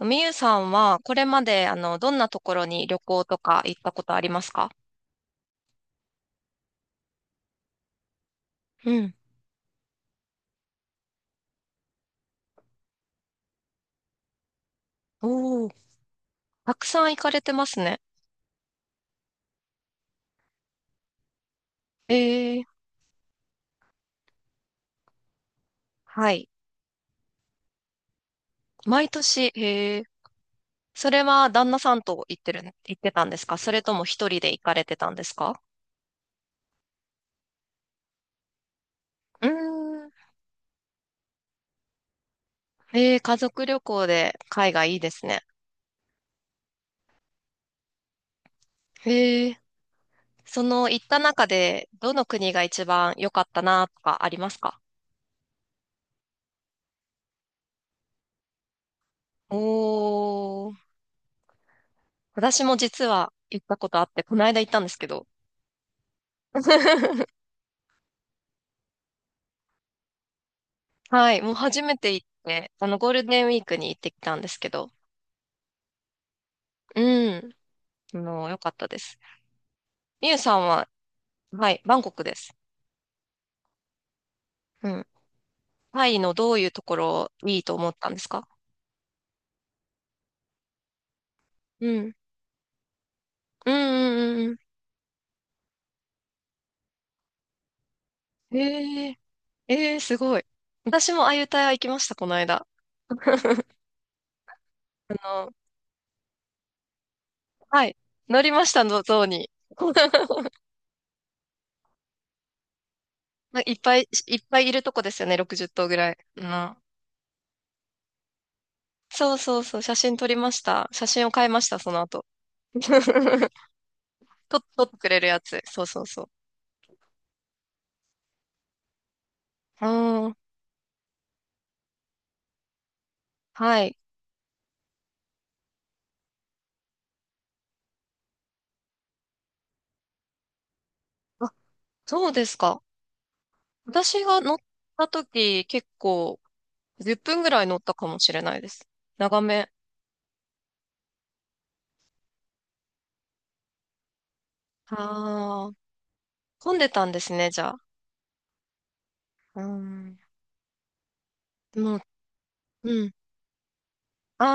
みゆさんは、これまで、どんなところに旅行とか行ったことありますか？うん。おー、たくさん行かれてますね。ええ、はい。毎年、ええ、それは旦那さんと行ってたんですか、それとも一人で行かれてたんですか？うーん。ええ、家族旅行で海外いいですね。ええ、その行った中で、どの国が一番良かったなとかありますか？おー、私も実は行ったことあって、この間行ったんですけど。はい、もう初めて行って、ゴールデンウィークに行ってきたんですけど、うん、良かったです。みゆさんは、はい、バンコクです。うん。タイのどういうところいいと思ったんですか？うん。うんうんうんうん。ええええ、すごい。私もあゆタヤ行きました、この間。あの、はい、乗りましたの、象に。いっぱい、いっぱいいるとこですよね、60頭ぐらい。うん。そうそうそう、写真撮りました。写真を買いました、その後。取ってくれるやつ。そうそうそう。うーん、はい。あ、そうですか。私が乗った時、結構、10分ぐらい乗ったかもしれないです。長め。ああ、混んでたんですね、じゃあ。うーん。もう、うん。あ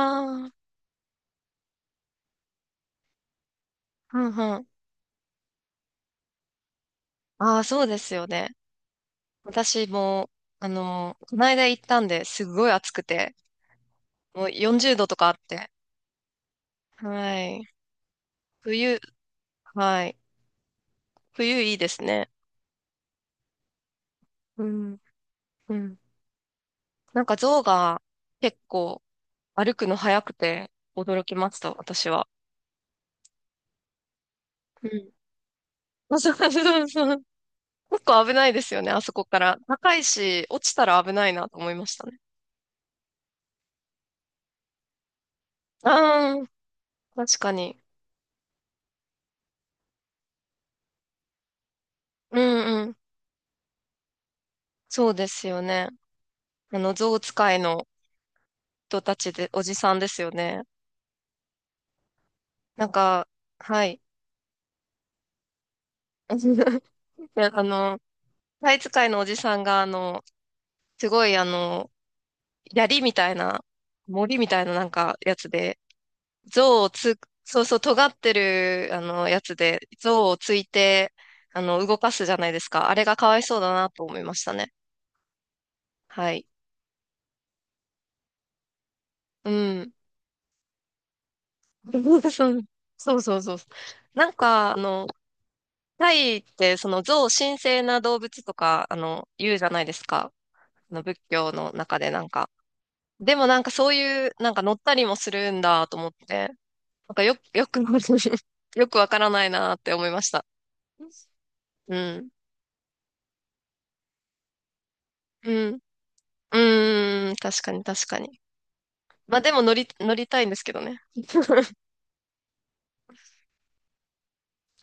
あ、うんうん。ああ、そうですよね。私も、この間行ったんで、すごい暑くて、もう40度とかあって。はい。冬、はい。冬いいですね。うん。うん。なんか象が結構歩くの速くて驚きました、私は。うん。そうそうそう。結構危ないですよね、あそこから。高いし、落ちたら危ないなと思いましたね。ああ、確かに。うんうん。そうですよね。象使いの人たちで、おじさんですよね。なんか、はい。いあの、タイ使いのおじさんが、すごい、槍みたいな、森みたいななんかやつで、象をつ、そうそう、尖ってる、やつで、象をついて、動かすじゃないですか。あれがかわいそうだなと思いましたね。はい。うん。そうそうそうそう。なんか、タイって、その象神聖な動物とか、言うじゃないですか。仏教の中でなんか。でもなんかそういう、なんか乗ったりもするんだと思って、なんかよく、よくわからないなって思いました。うん。うん。うーん、確かに確かに。まあでも乗りたいんですけどね。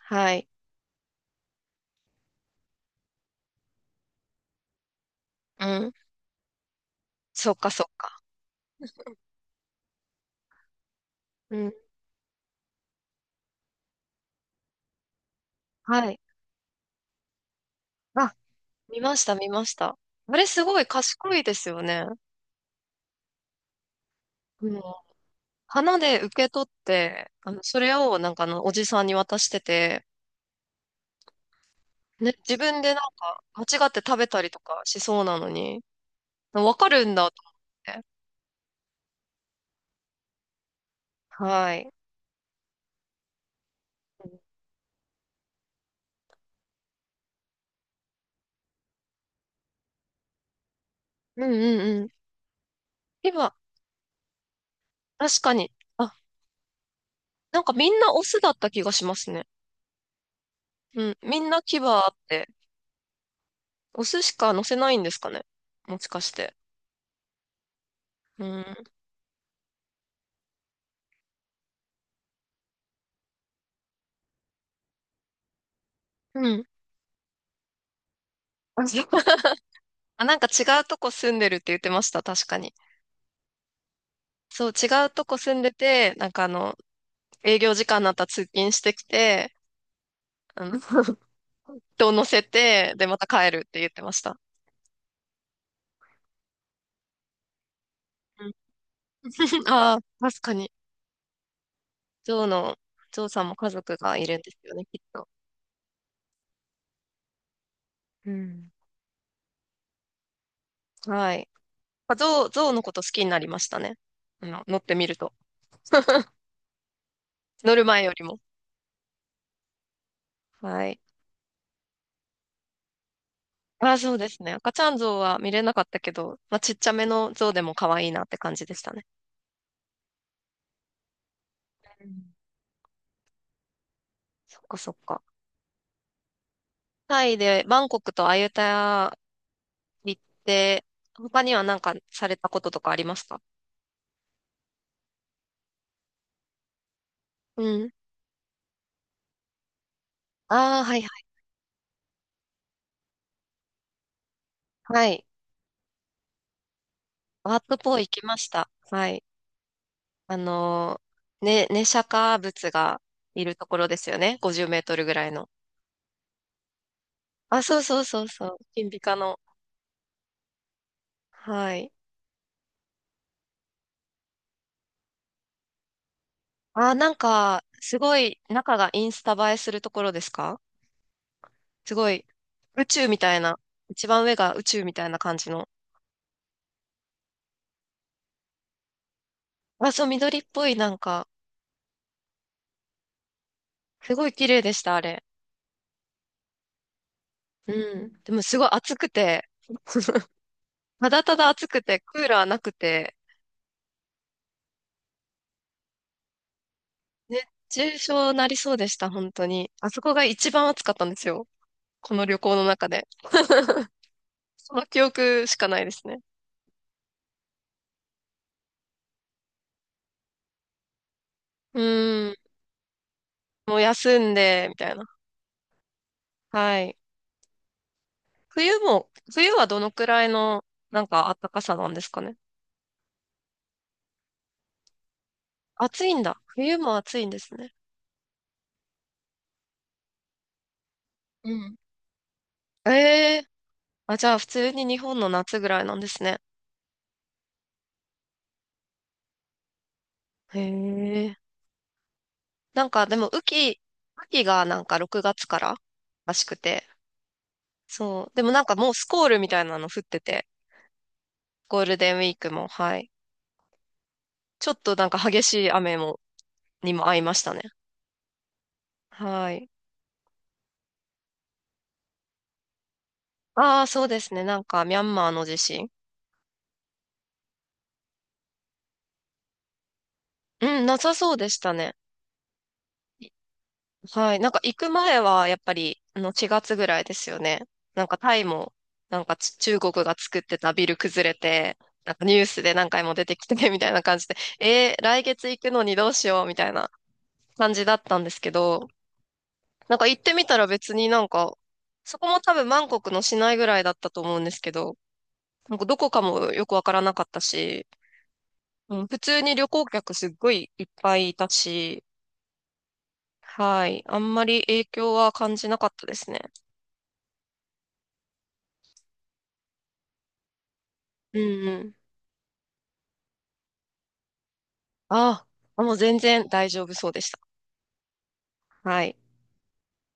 はい。うん。そっかそっか。うん。はい。あ、見ました見ました。あれすごい賢いですよね。うん。花で受け取って、それをなんかおじさんに渡してて、ね、自分でなんか間違って食べたりとかしそうなのに、わかるんだと思って。はい。うんうんうん。今、確かに。あ、なんかみんなオスだった気がしますね。うん、みんな牙あって、お寿司か乗せないんですかね、もしかして。うん。うん。あ、そう。 あ、なんか違うとこ住んでるって言ってました、確かに。そう、違うとこ住んでて、なんか営業時間になったら通勤してきて、あの、人を乗せて、で、また帰るって言ってました。うん。ああ、確かに。ジョーの、ジョーさんも家族がいるんですよね、きっと。うん。はい。まあゾウのこと好きになりましたね。乗ってみると。乗る前よりも。はい。あ、そうですね。赤ちゃん象は見れなかったけど、まあ、ちっちゃめの象でも可愛いなって感じでしたね。うん、そっかそっか。タイでバンコクとアユタヤ行って、他には何かされたこととかありますか？うん。ああ、はいはいはい。ワットポー行きました。はい。あのね、ネシャカ仏がいるところですよね。50メートルぐらいの。あ、そうそうそうそう。金ピカの。はい。あー、なんか、すごい中がインスタ映えするところですか？すごい、宇宙みたいな、一番上が宇宙みたいな感じの。あ、そう、緑っぽい、なんか、すごい綺麗でした、あれ。うん。でもすごい暑くて、ただただ暑くて、クーラーなくて、熱中症なりそうでした、本当に。あそこが一番暑かったんですよ、この旅行の中で。その記憶しかないですね。うん。もう休んで、みたいな。はい。冬はどのくらいの、なんか暖かさなんですかね？暑いんだ。冬も暑いんですね。うん。ええ、あ、じゃあ普通に日本の夏ぐらいなんですね。へえ。なんかでも雨季がなんか6月かららしくて。そう。でもなんかもうスコールみたいなの降ってて、ゴールデンウィークも、はい。ちょっとなんか激しいにも合いましたね。はい。ああ、そうですね。なんかミャンマーの地震。うん、なさそうでしたね。はい。なんか行く前は、やっぱり、4月ぐらいですよね。なんかタイも、なんか中国が作ってたビル崩れて、なんかニュースで何回も出てきててみたいな感じで、来月行くのにどうしよう、みたいな感じだったんですけど、なんか行ってみたら別になんか、そこも多分バンコクの市内ぐらいだったと思うんですけど、なんかどこかもよくわからなかったし、うん、普通に旅行客すっごいいっぱいいたし、はい。あんまり影響は感じなかったですね。うんうん。ああ、もう全然大丈夫そうでした。はい。